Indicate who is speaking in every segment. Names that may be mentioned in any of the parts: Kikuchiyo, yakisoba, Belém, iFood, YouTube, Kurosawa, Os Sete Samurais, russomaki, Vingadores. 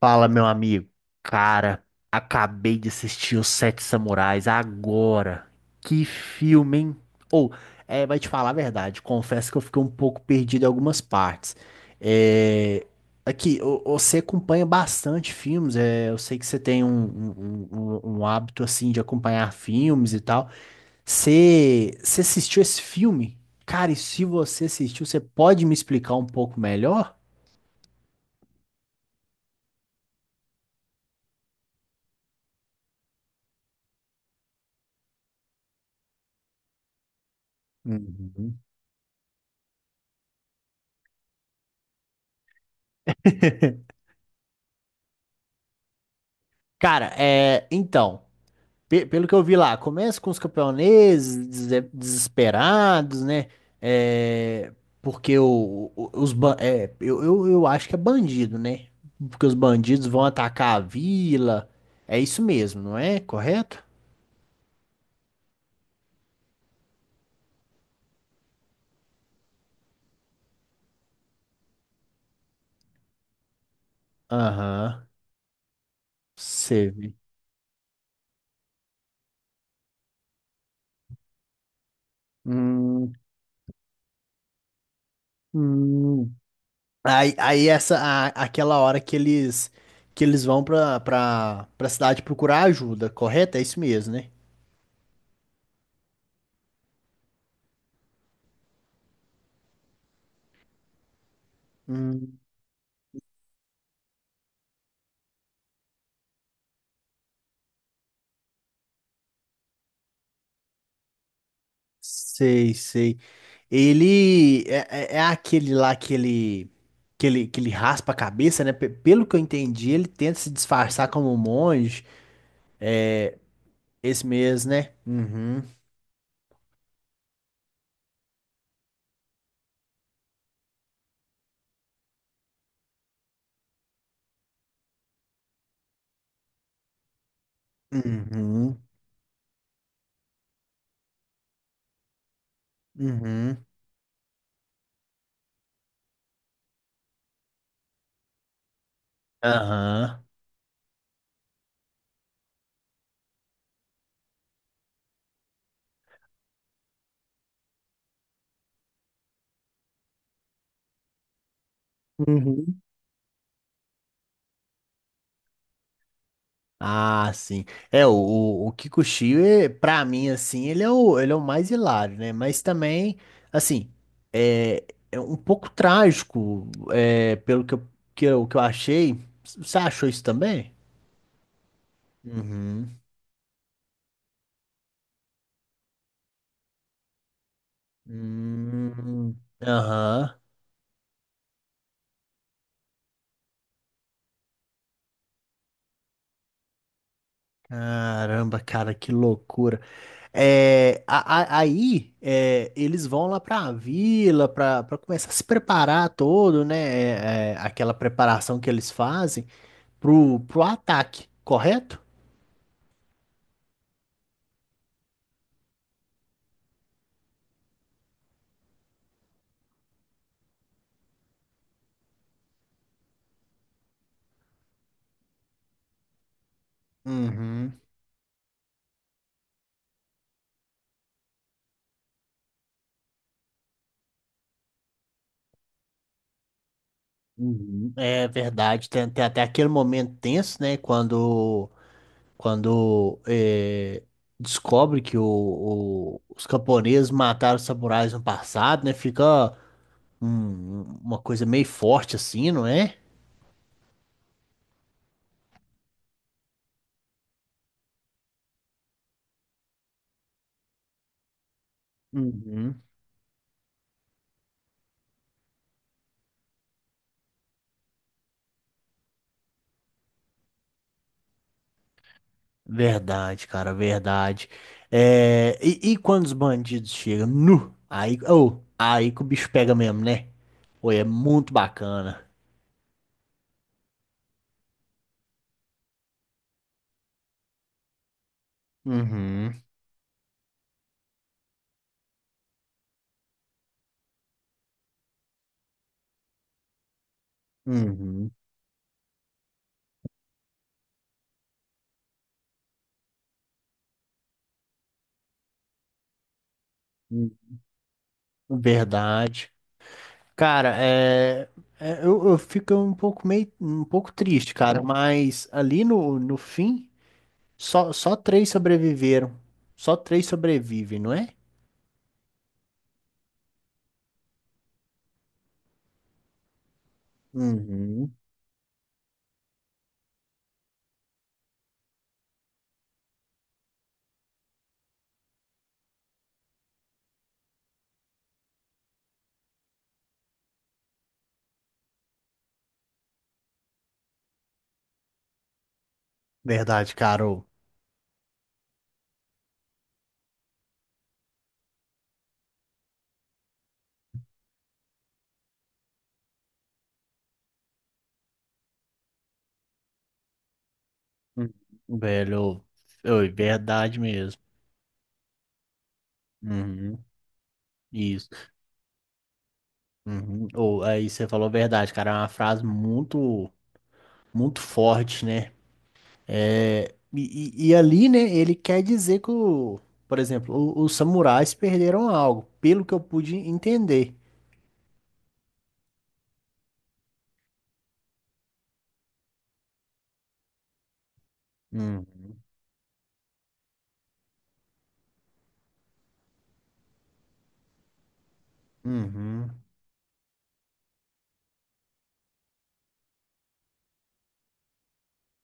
Speaker 1: Fala, meu amigo. Cara, acabei de assistir Os Sete Samurais agora. Que filme, hein? Ou, vai te falar a verdade, confesso que eu fiquei um pouco perdido em algumas partes. É, aqui, você acompanha bastante filmes, eu sei que você tem um hábito, assim, de acompanhar filmes e tal. Você assistiu esse filme? Cara, e se você assistiu, você pode me explicar um pouco melhor? Uhum. Cara, então, pelo que eu vi lá, começa com os campeoneses desesperados, né? É, porque os, eu acho que é bandido, né? Porque os bandidos vão atacar a vila. É isso mesmo, não é? Correto? Aham, você vê. Hum, hum. Aí aquela hora que eles vão pra cidade procurar ajuda, correto? É isso mesmo, né? Sei, sei. Ele é, é aquele lá que ele raspa a cabeça, né? Pelo que eu entendi, ele tenta se disfarçar como um monge. É esse mesmo, né? Uhum, uhum, uhum, aham. Uhum. Ah, sim. O Kikuchiyo, pra mim, assim, ele é o mais hilário, né? Mas também, assim, é, é um pouco trágico, pelo que eu achei. Você achou isso também? Uhum. Hum, aham. Caramba, cara, que loucura. Aí eles vão lá pra vila pra começar a se preparar todo, né? Aquela preparação que eles fazem. Pro ataque, correto? Uhum. Uhum. É verdade, tem até aquele momento tenso, né? Quando descobre que os camponeses mataram os samurais no passado, né? Fica uma coisa meio forte assim, não é? Uhum. Verdade, cara, verdade. E quando os bandidos chegam, aí, oh, aí que o bicho pega mesmo, né? Pô, é muito bacana. Uhum. Uhum, hum, verdade. Cara, eu fico um pouco meio, um pouco triste, cara, mas ali no fim, só três sobreviveram. Só três sobrevivem, não é? Uhum. Verdade, cara. Ô. Uhum, velho, ô, é verdade mesmo. Uhum, isso. Uhum. Ou aí você falou verdade, cara. É uma frase muito, muito forte, né? E ali, né, ele quer dizer que, por exemplo, os samurais perderam algo, pelo que eu pude entender. Uhum, uhum,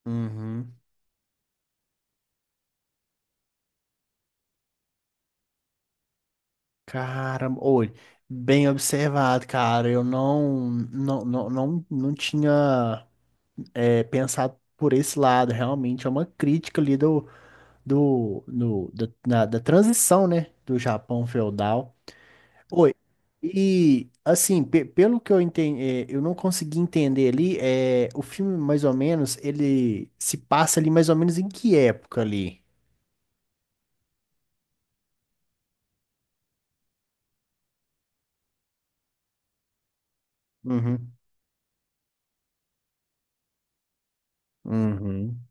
Speaker 1: uhum. Caramba, olha, bem observado, cara. Eu não tinha pensado por esse lado. Realmente é uma crítica ali da transição, né, do Japão feudal. Foi. E, assim, pelo que eu entendi, eu não consegui entender ali, o filme, mais ou menos, ele se passa ali mais ou menos em que época ali? Uhum. Uhum.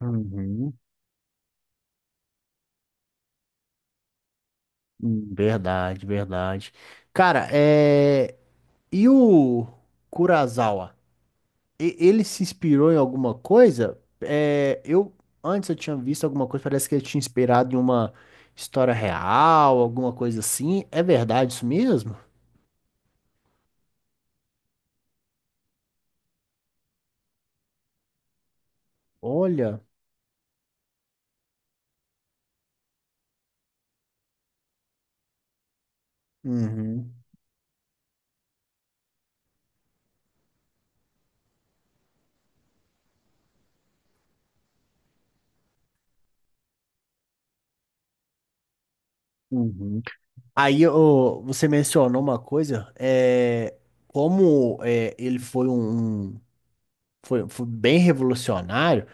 Speaker 1: Uhum. Verdade, verdade. Cara, e o Kurosawa? Ele se inspirou em alguma coisa? É, eu antes eu tinha visto alguma coisa, parece que ele tinha inspirado em uma história real, alguma coisa assim. É verdade isso mesmo? Olha. Uhum, uhum. Aí ô, você mencionou uma coisa, como é, ele foi foi bem revolucionário,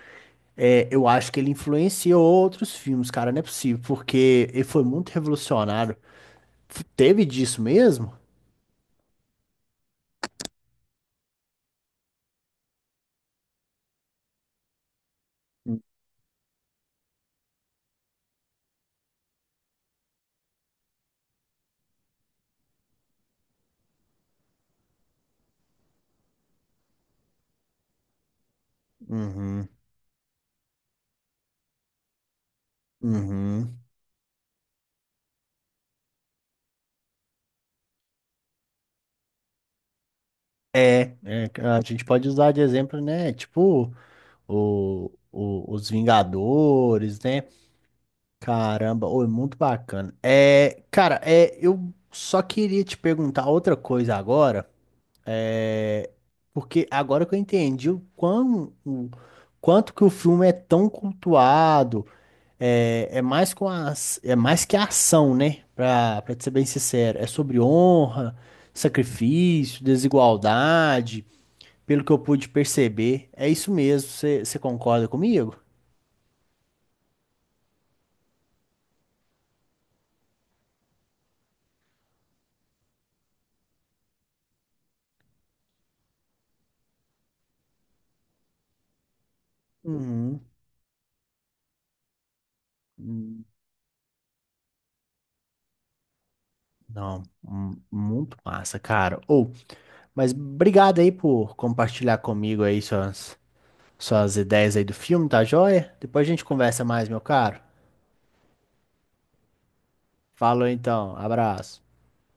Speaker 1: eu acho que ele influenciou outros filmes, cara, não é possível, porque ele foi muito revolucionário. Teve disso mesmo? Uhum, uhum. É, a gente pode usar de exemplo, né? Tipo, os Vingadores, né? Caramba, oi, muito bacana. Cara, eu só queria te perguntar outra coisa agora, é, porque agora que eu entendi o quanto que o filme é tão cultuado, é mais que a ação, né? Pra te ser bem sincero, é sobre honra, sacrifício, desigualdade, pelo que eu pude perceber. É isso mesmo, você concorda comigo? Uhum. Não, muito massa, cara. Ou, mas obrigado aí por compartilhar comigo aí suas ideias aí do filme, tá joia? Depois a gente conversa mais, meu caro. Falou então, abraço.